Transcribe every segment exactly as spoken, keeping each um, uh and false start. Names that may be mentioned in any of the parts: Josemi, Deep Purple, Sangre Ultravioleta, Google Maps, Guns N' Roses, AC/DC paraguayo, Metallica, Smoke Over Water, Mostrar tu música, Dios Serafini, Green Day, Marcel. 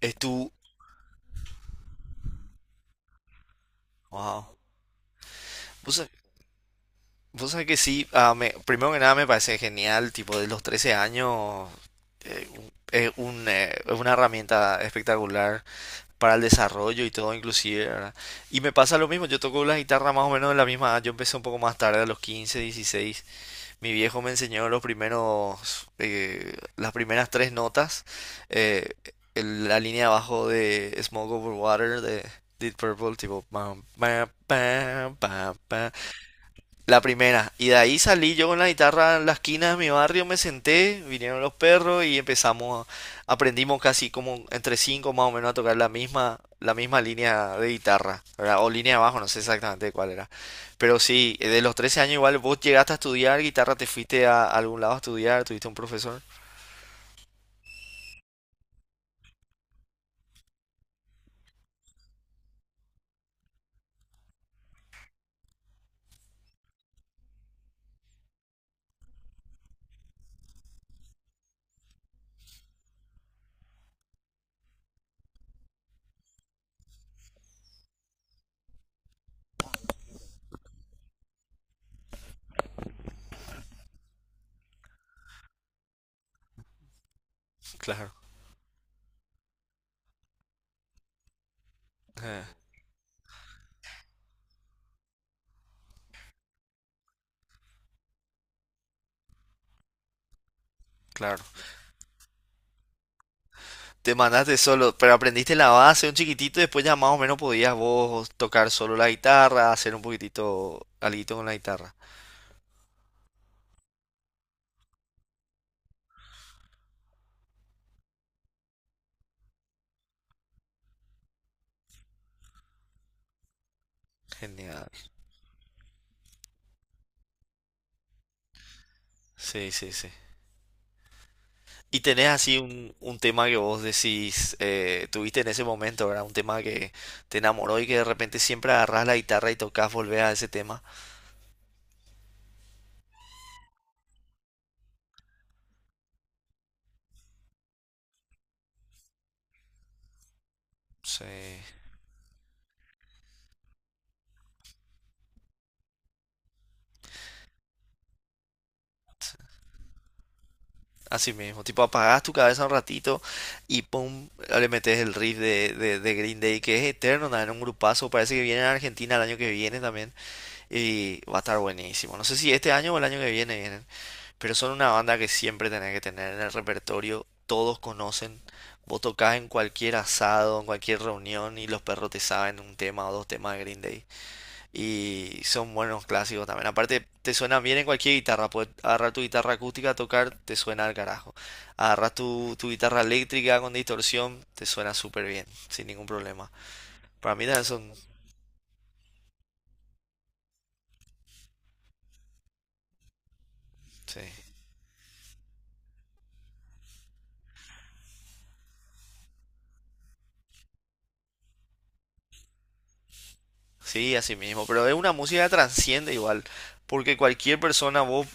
Es tu... Wow. Vos sab- Vos sabés que sí. Ah, me- primero que nada me parece genial, tipo de los trece años, eh, un- es un, eh, es una herramienta espectacular para el desarrollo y todo inclusive, ¿verdad? Y me pasa lo mismo, yo toco la guitarra más o menos de la misma edad, yo empecé un poco más tarde, a los quince dieciséis. Mi viejo me enseñó los primeros, eh, las primeras tres notas, eh, el- la línea abajo de Smoke Over Water de Deep Purple, tipo pam, pam, pam, pam, pam. La primera. Y de ahí salí yo con la guitarra en la esquina de mi barrio, me senté, vinieron los perros y empezamos, a- aprendimos casi como entre cinco más o menos a tocar la misma, la misma línea de guitarra, ¿verdad? O línea de bajo, no sé exactamente cuál era. Pero sí, de los trece años igual vos llegaste a estudiar guitarra, te fuiste a algún lado a estudiar, tuviste un profesor. Claro, eh, claro. Te mandaste solo, pero aprendiste la base un chiquitito y después ya más o menos podías vos tocar solo la guitarra, hacer un poquitito alguito con la guitarra. Genial. Sí, sí, sí. Y tenés así un, un tema que vos decís, eh, tuviste en ese momento, ¿verdad? Un tema que te enamoró y que de repente siempre agarrás la guitarra y tocas, volvés a ese tema. Sí. Así mismo, tipo apagás tu cabeza un ratito y pum, le metes el riff de, de, de Green Day, que es eterno, nada, en un grupazo, parece que viene a Argentina el año que viene también y va a estar buenísimo. No sé si este año o el año que viene. Pero son una banda que siempre tenés que tener en el repertorio. Todos conocen. Vos tocás en cualquier asado, en cualquier reunión y los perros te saben un tema o dos temas de Green Day. Y son buenos clásicos también. Aparte, te suenan bien en cualquier guitarra. Puedes agarrar tu guitarra acústica a tocar, te suena al carajo. Agarras tu, tu guitarra eléctrica con distorsión, te suena súper bien, sin ningún problema. Para mí también son... Sí, sí, así mismo. Pero es una música que trasciende igual. Porque cualquier persona, vos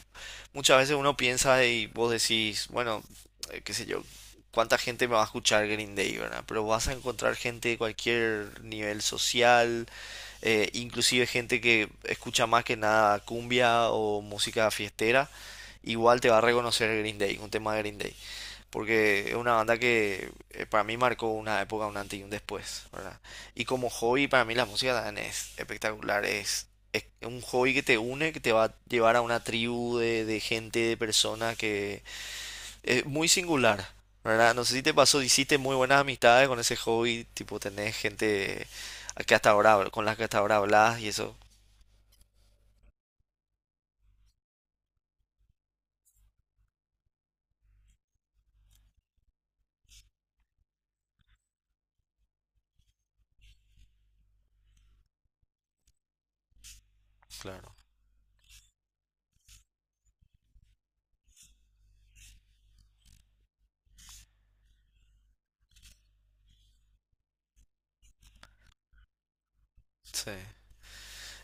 muchas veces uno piensa y vos decís, bueno, eh, qué sé yo, cuánta gente me va a escuchar Green Day, ¿verdad? Pero vas a encontrar gente de cualquier nivel social, eh, inclusive gente que escucha más que nada cumbia o música fiestera, igual te va a reconocer Green Day, un tema de Green Day, porque es una banda que eh, para mí marcó una época, un antes y un después, ¿verdad? Y como hobby, para mí la música también es espectacular, es, es un hobby que te une, que te va a llevar a una tribu de, de gente, de personas que es muy singular, ¿verdad? No sé si te pasó, hiciste muy buenas amistades con ese hobby, tipo tenés gente a que hasta ahora, con las que hasta ahora hablas y eso. Claro, sí.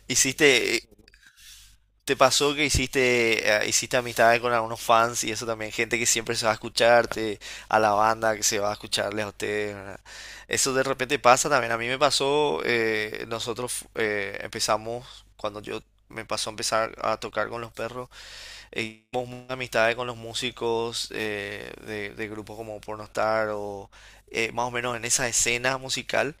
Hiciste, ¿Te pasó que hiciste, eh, hiciste amistades con algunos fans y eso también, gente que siempre se va a escucharte, a la banda que se va a escucharles a ustedes, ¿verdad? Eso de repente pasa también. A mí me pasó, eh, nosotros eh, empezamos, cuando yo me pasó a empezar a tocar con los perros, eh, hicimos muchas amistades con los músicos eh, de, de grupos como Pornostar o eh, más o menos en esa escena musical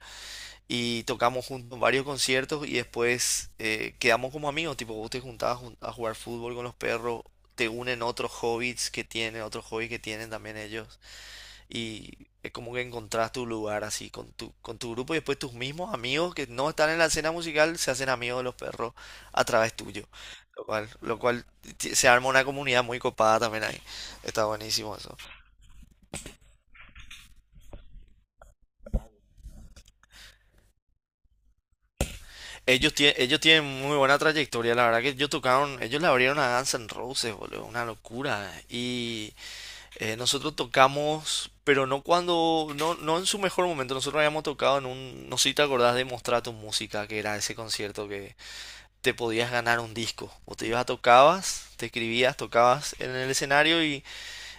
y tocamos juntos varios conciertos y después eh, quedamos como amigos, tipo vos te juntabas jun- a jugar fútbol con los perros, te unen otros hobbies que tienen, otros hobbies que tienen también ellos, y es como que encontrás tu lugar así con tu, con tu grupo y después tus mismos amigos que no están en la escena musical se hacen amigos de los perros a través tuyo, lo cual, lo cual ti- se arma una comunidad muy copada también ahí, está buenísimo eso. Ellos, tie- ellos tienen muy buena trayectoria, la verdad que ellos tocaron, ellos le abrieron a Guns N' Roses, boludo, una locura. Y eh, nosotros tocamos, pero no cuando, no, no en su mejor momento, nosotros habíamos tocado en un, no sé si te acordás de Mostrar tu música, que era ese concierto que te podías ganar un disco. O te ibas a tocabas, te escribías, tocabas en el escenario y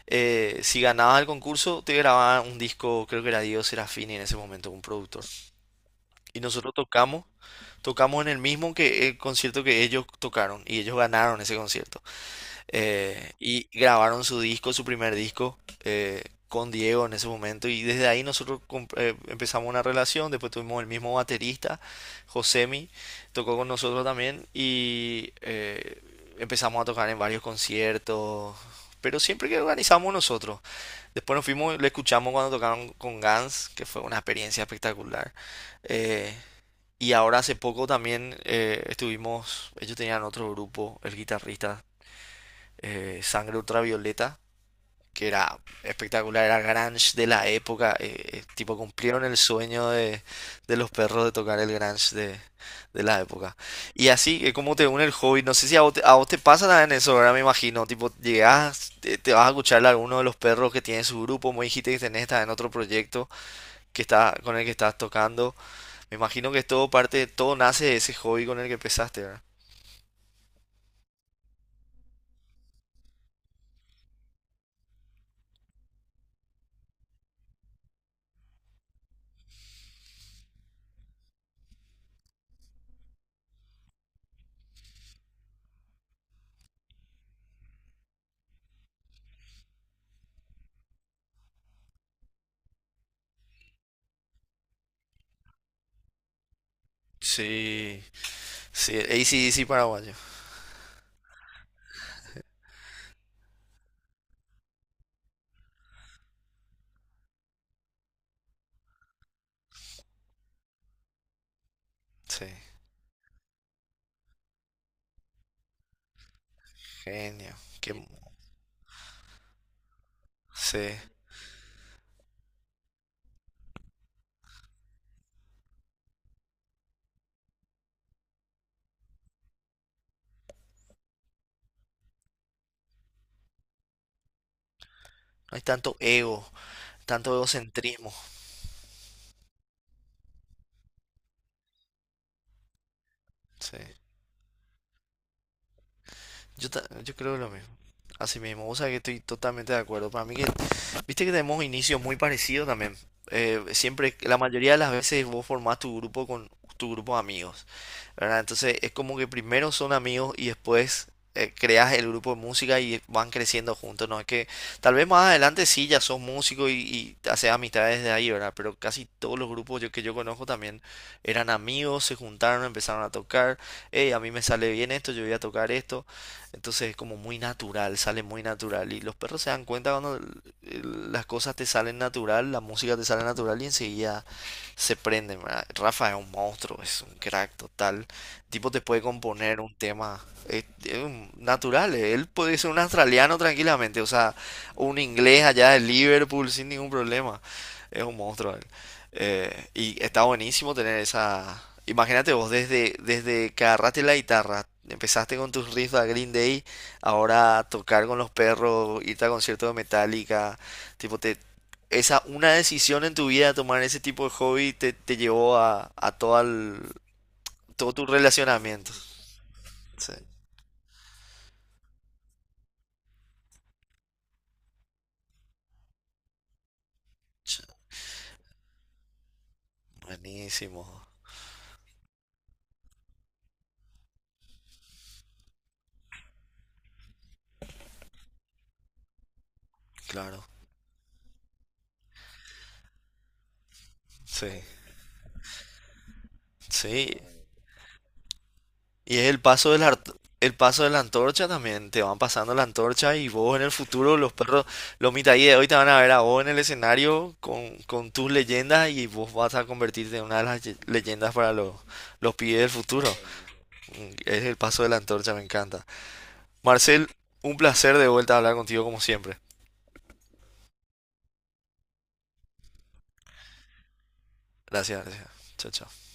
eh, si ganabas el concurso te grababan un disco, creo que era Dios Serafini en ese momento, un productor. Y nosotros tocamos, tocamos en el mismo que el concierto que ellos tocaron y ellos ganaron ese concierto. Eh, y grabaron su disco, su primer disco, eh, con Diego en ese momento. Y desde ahí nosotros com- eh, empezamos una relación. Después tuvimos el mismo baterista, Josemi, tocó con nosotros también y eh, empezamos a tocar en varios conciertos. Pero siempre que organizamos nosotros. Después nos fuimos, le escuchamos cuando tocaron con Guns, que fue una experiencia espectacular. Eh, y ahora hace poco también eh, estuvimos, ellos tenían otro grupo, el guitarrista eh, Sangre Ultravioleta, que era espectacular, era grunge de la época, eh, eh, tipo cumplieron el sueño de, de los perros de tocar el grunge de, de la época. Y así es como te une el hobby, no sé si a vos te, a vos te pasa también eso, ahora me imagino, tipo llegás, te, te vas a escuchar a alguno de los perros que tiene su grupo, me dijiste que tenés en otro proyecto que está, con el que estás tocando, me imagino que es todo parte, todo nace de ese hobby con el que empezaste, ¿verdad? Sí, sí, el A C/D C paraguayo. Sí, genio. Qué, sí. No hay tanto ego, tanto egocentrismo. Sí. Yo, ta- yo creo lo mismo. Así mismo, o sea que estoy totalmente de acuerdo. Para mí que, viste que tenemos inicios muy parecidos también. Eh, siempre, la mayoría de las veces vos formás tu grupo con tu grupo de amigos, ¿verdad? Entonces es como que primero son amigos y después eh, creas el grupo de música y van creciendo juntos, ¿no? Es que tal vez más adelante sí ya sos músico y, y haces amistades de ahí, ¿verdad? Pero casi todos los grupos yo, que yo conozco también eran amigos, se juntaron, empezaron a tocar, hey, a mí me sale bien esto, yo voy a tocar esto. Entonces es como muy natural, sale muy natural. Y los perros se dan cuenta cuando eh, las cosas te salen natural, la música te sale natural y enseguida se prenden, ¿verdad? Rafa es un monstruo, es un crack total. Tipo te puede componer un tema, eh, es un- natural, eh, él puede ser un australiano tranquilamente, o sea, un inglés allá de Liverpool sin ningún problema. Es un monstruo. eh. Eh, y está buenísimo tener esa. Imagínate vos, desde, desde que agarraste la guitarra, empezaste con tus riffs a Green Day, ahora tocar con los perros, irte a conciertos de Metallica, tipo, te, esa, una decisión en tu vida, tomar ese tipo de hobby, te, te llevó a, a todo, el, todo tu relacionamiento. Sí. Ch- Buenísimo, claro. Sí, sí. Y es el paso de la, art- el paso de la antorcha también. Te van pasando la antorcha y vos en el futuro, los perros, los mitaí de hoy te van a ver a vos en el escenario con, con tus leyendas y vos vas a convertirte en una de las ye- leyendas para los, los pibes del futuro. Mm, es el paso de la antorcha, me encanta. Marcel, un placer de vuelta a hablar contigo como siempre. Gracias, gracias. Chao, chao.